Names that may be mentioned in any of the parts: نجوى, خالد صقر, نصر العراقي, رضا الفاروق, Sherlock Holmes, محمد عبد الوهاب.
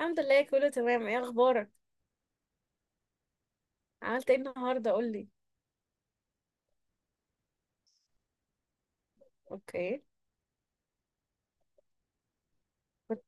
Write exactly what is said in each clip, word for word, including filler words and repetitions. الحمد لله، كله تمام. ايه اخبارك؟ عملت ايه النهارده؟ قولي. اوكي. كنت-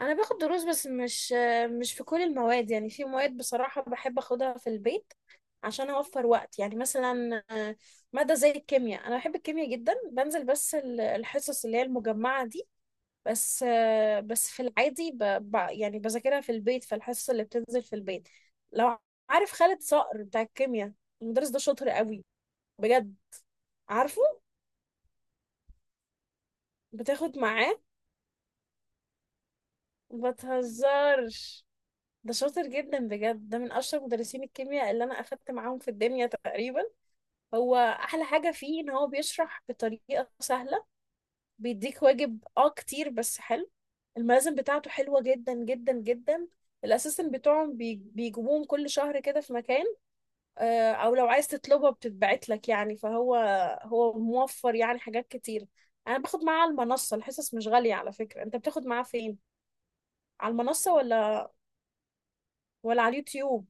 انا باخد دروس، بس مش مش في كل المواد. يعني في مواد، بصراحه بحب اخدها في البيت عشان اوفر وقت. يعني مثلا آه، ماده زي الكيمياء. انا بحب الكيمياء جدا، بنزل بس ال- الحصص اللي هي المجمعه دي. بس آه، بس في العادي ب... ب... يعني بذاكرها في البيت، في الحصص اللي بتنزل في البيت. لو عارف خالد صقر بتاع الكيمياء، المدرس ده شاطر قوي. بجد. عارفه. بتاخد معاه؟ ما تهزرش. ده شاطر جدا بجد، ده من اشطر مدرسين الكيمياء اللي انا اخدت معاهم في الدنيا تقريبا. هو احلى حاجه فيه ان هو بيشرح بطريقه سهله. بيديك واجب اه كتير، بس حلو. الملازم بتاعته حلوه جدا جدا جدا. الاسيستنت بتوعهم بي- بيجيبوهم كل شهر كده في مكان. آه، او لو عايز تطلبها بتتبعت لك. يعني فهو هو موفر يعني حاجات كتير. انا باخد معاه على المنصه. الحصص مش غاليه، على فكره. انت بتاخد معاه فين؟ على المنصه ولا ولا على اليوتيوب؟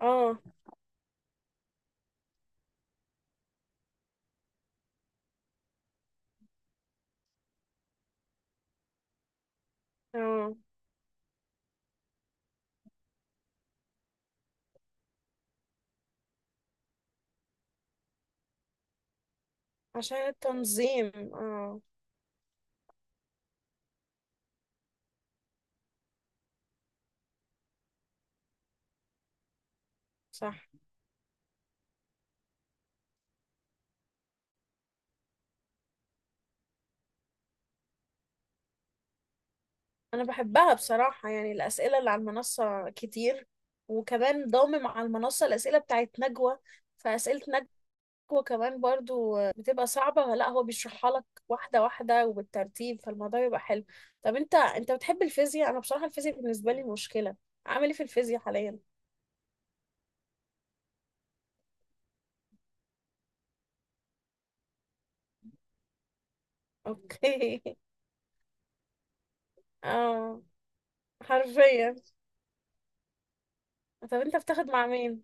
اه، اه، عشان التنظيم. اه. صح. انا بحبها بصراحة. يعني الأسئلة اللي على المنصة كتير، وكمان ضامم على المنصة الأسئلة بتاعت نجوى. فأسئلة نجوى كمان برضو بتبقى صعبة. لا هو بيشرحها لك واحدة واحدة وبالترتيب، فالموضوع بيبقى حلو. طب انت انت بتحب الفيزياء؟ انا بصراحة الفيزياء بالنسبة لي مشكلة. عامل ايه في الفيزياء حاليا؟ اوكي. اه، حرفيا. طب انت بتاخد مع مين؟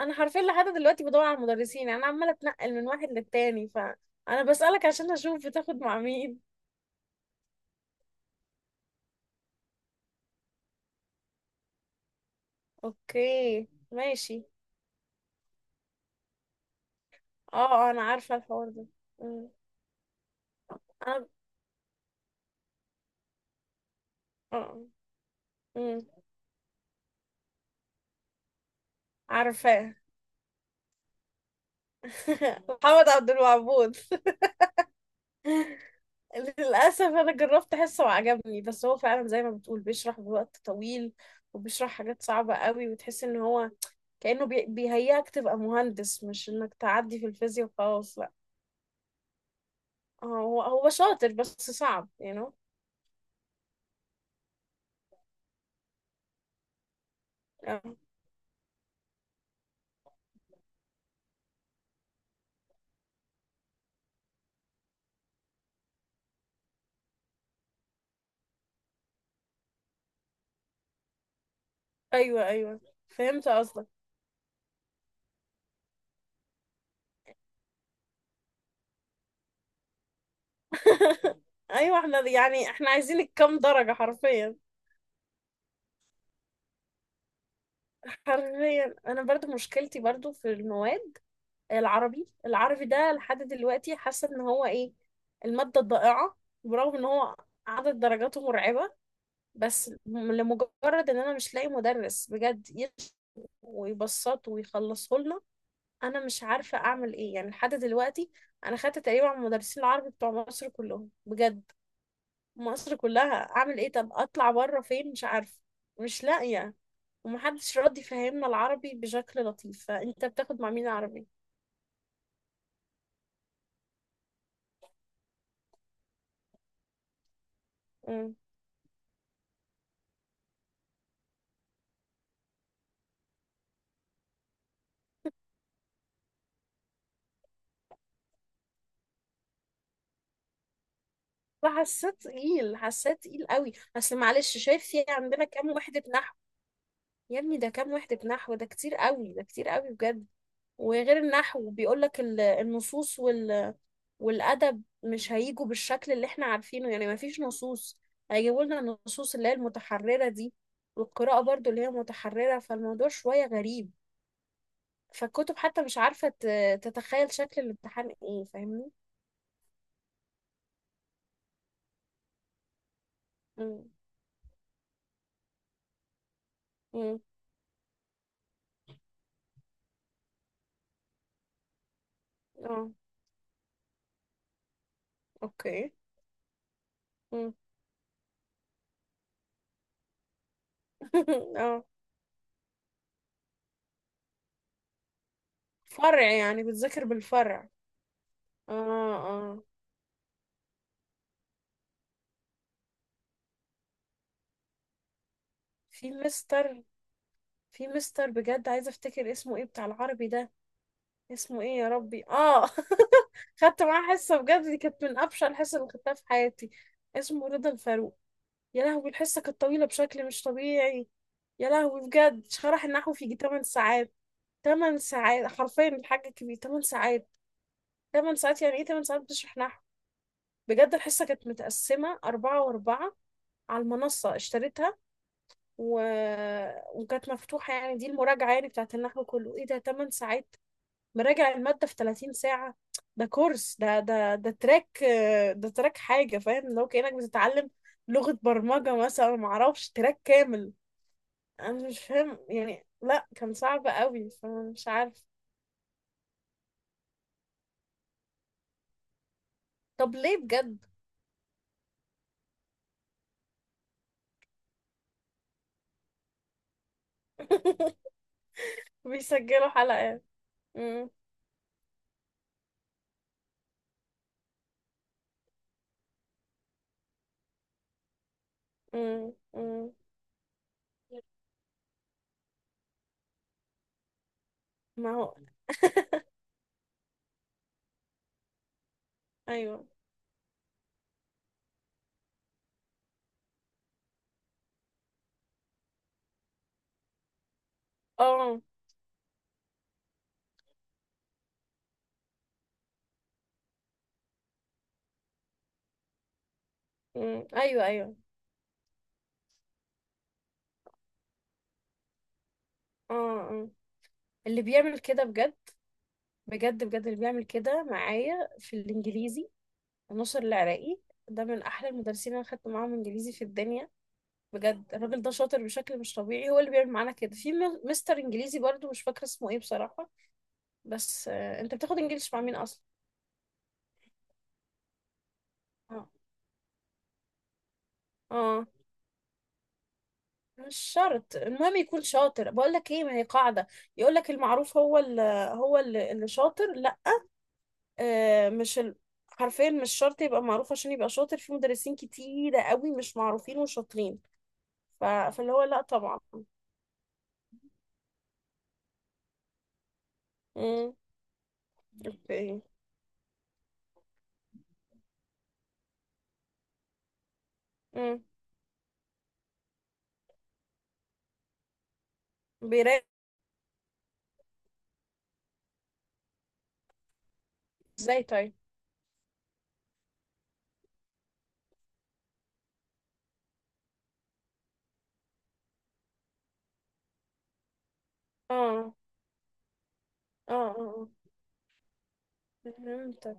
انا حرفيا لحد دلوقتي بدور على المدرسين. انا عماله اتنقل من واحد للتاني. فانا بسألك عشان اشوف بتاخد مع مين. اوكي، ماشي. اه، آه، انا عارفه الحوار ده. أمم. انا اه أمم. عارفاه. محمد عبد الوهاب. للأسف أنا جربت أحسه وعجبني، بس هو فعلا زي ما بتقول بيشرح بوقت طويل، وبيشرح حاجات صعبة قوي، وتحس إن هو كأنه بي- بيهيئك تبقى مهندس، مش إنك تعدي في الفيزياء وخلاص. لا. اه، هو هو شاطر بس صعب you know آه. ايوه، ايوه، فهمت قصدك. ايوه، احنا يعني احنا عايزين الكام درجة، حرفيا. حرفيا انا برضو مشكلتي برضو في المواد. العربي العربي ده لحد دلوقتي حاسة ان هو ايه، المادة الضائعة. برغم ان هو عدد درجاته مرعبة. بس م- لمجرد ان انا مش لاقي مدرس بجد يشرح ويبسطه ويخلصه لنا. انا مش عارفه اعمل ايه يعني لحد دلوقتي. انا خدت تقريبا على المدرسين العربي بتوع مصر كلهم، بجد، مصر كلها. اعمل ايه؟ طب اطلع بره فين؟ مش عارفه. مش لاقيه. ومحدش راضي يفهمنا العربي بشكل لطيف. فانت بتاخد مع مين عربي؟ امم. فحسيت تقيل حسيت تقيل قوي. اصل معلش، شايف في عندنا كام وحده نحو؟ يا ابني، ده كام وحده نحو! ده كتير قوي، ده كتير قوي بجد. وغير النحو بيقول لك النصوص وال والأدب مش هيجوا بالشكل اللي احنا عارفينه. يعني مفيش نصوص، هيجيبوا لنا النصوص اللي هي المتحررة دي، والقراءة برضو اللي هي متحررة. فالموضوع شوية غريب. فالكتب حتى مش عارفة ت- تتخيل شكل الامتحان ايه، فاهمني؟ مم. مم. اه، اوكي. مم. اه. فرع؟ يعني بتذاكر بالفرع؟ اه، اه. في مستر في مستر بجد، عايزة افتكر اسمه ايه، بتاع العربي ده. اسمه ايه يا ربي؟ اه. خدت معاه حصة بجد، دي كانت من أبشع الحصة اللي خدتها في حياتي. اسمه رضا الفاروق. يا لهوي، الحصة كانت طويلة بشكل مش طبيعي. يا لهوي بجد، شرح النحو في يجي 8 ساعات. 8 ساعات حرفيا، الحاج الكبير، 8 ساعات. 8 ساعات يعني! ايه 8 ساعات بتشرح نحو! بجد، الحصة كانت متقسمة أربعة وأربعة، على المنصة اشتريتها. و... وكانت مفتوحة. يعني دي المراجعة يعني بتاعت النحو كله. ايه ده، 8 ساعات! مراجع المادة في 30 ساعة. ده كورس، ده ده ده تراك، آه، ده تراك حاجة، فاهم؟ لو كأنك بتتعلم لغة برمجة مثلا. معرفش، تراك كامل. أنا مش فاهم يعني، لا كان صعب قوي، فمش عارف. طب ليه بجد؟ بيسجلوا حلقات. مم، مم، مم. ما هو، أيوه، اه، مم، أيوه، أيوه، اه، آه. اللي بيعمل كده بجد، بجد، بجد اللي بيعمل كده معايا في الإنجليزي نصر العراقي. ده من احلى المدرسين اللي انا خدت معاهم انجليزي في الدنيا. بجد الراجل ده شاطر بشكل مش طبيعي. هو اللي بيعمل معانا كده. في م- مستر انجليزي برضو مش فاكره اسمه ايه بصراحه. بس آه انت بتاخد انجليش مع مين اصلا؟ اه. اه. مش شرط، المهم يكون شاطر. بقول لك ايه، ما هي قاعده، يقول لك المعروف هو اللي هو اللي, اللي شاطر. لا. آه مش ال. حرفيا مش شرط يبقى معروف عشان يبقى شاطر. في مدرسين كتيره قوي مش معروفين وشاطرين. ف... فاللي هو، لا طبعا. امم. اوكي. بيراقب؟ ازاي طيب؟ اه، اه، اه. آه. فهمتك.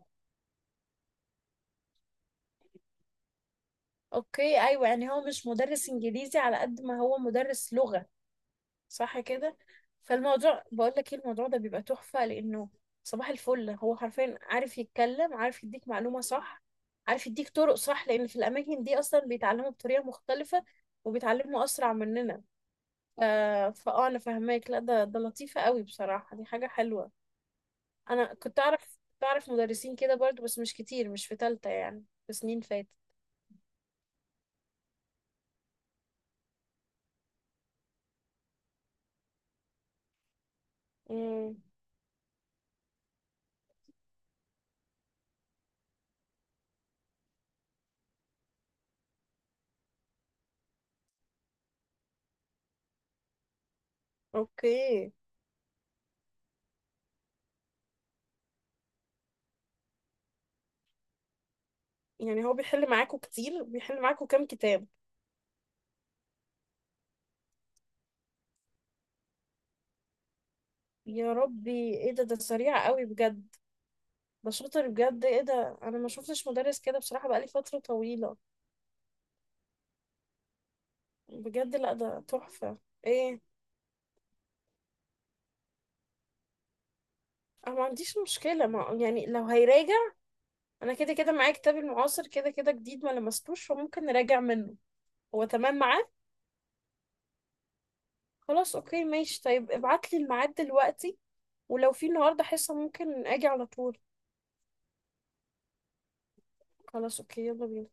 اوكي. ايوه، يعني هو مش مدرس انجليزي على قد ما هو مدرس لغة. صح كده. فالموضوع، بقول لك ايه، الموضوع ده بيبقى تحفة، لانه صباح الفل هو حرفيا عارف يتكلم، عارف يديك معلومة صح، عارف يديك طرق صح، لان في الاماكن دي اصلا بيتعلموا بطريقة مختلفة، وبيتعلموا اسرع مننا. ف... فاه، انا فاهماك. لا ده ده لطيفة قوي بصراحة، دي حاجة حلوة. انا كنت اعرف كنت اعرف مدرسين كده برضو، بس مش كتير، مش في تالتة يعني، في سنين فاتت. امم. اوكي. يعني هو بيحل معاكوا كتير؟ بيحل معاكوا كام كتاب؟ يا ربي، ايه ده! ده سريع قوي بجد. ده شاطر بجد. ايه ده، انا ما شفتش مدرس كده بصراحة بقالي فترة طويلة. بجد، لا ده تحفة. ايه؟ انا ما عنديش مشكلة، ما يعني لو هيراجع. انا كده كده معايا كتاب المعاصر كده كده جديد، ما لمستوش، فممكن نراجع منه. هو تمام معاه. خلاص، اوكي، ماشي. طيب ابعت لي الميعاد دلوقتي، ولو في النهارده حصة ممكن اجي على طول. خلاص، اوكي، يلا بينا.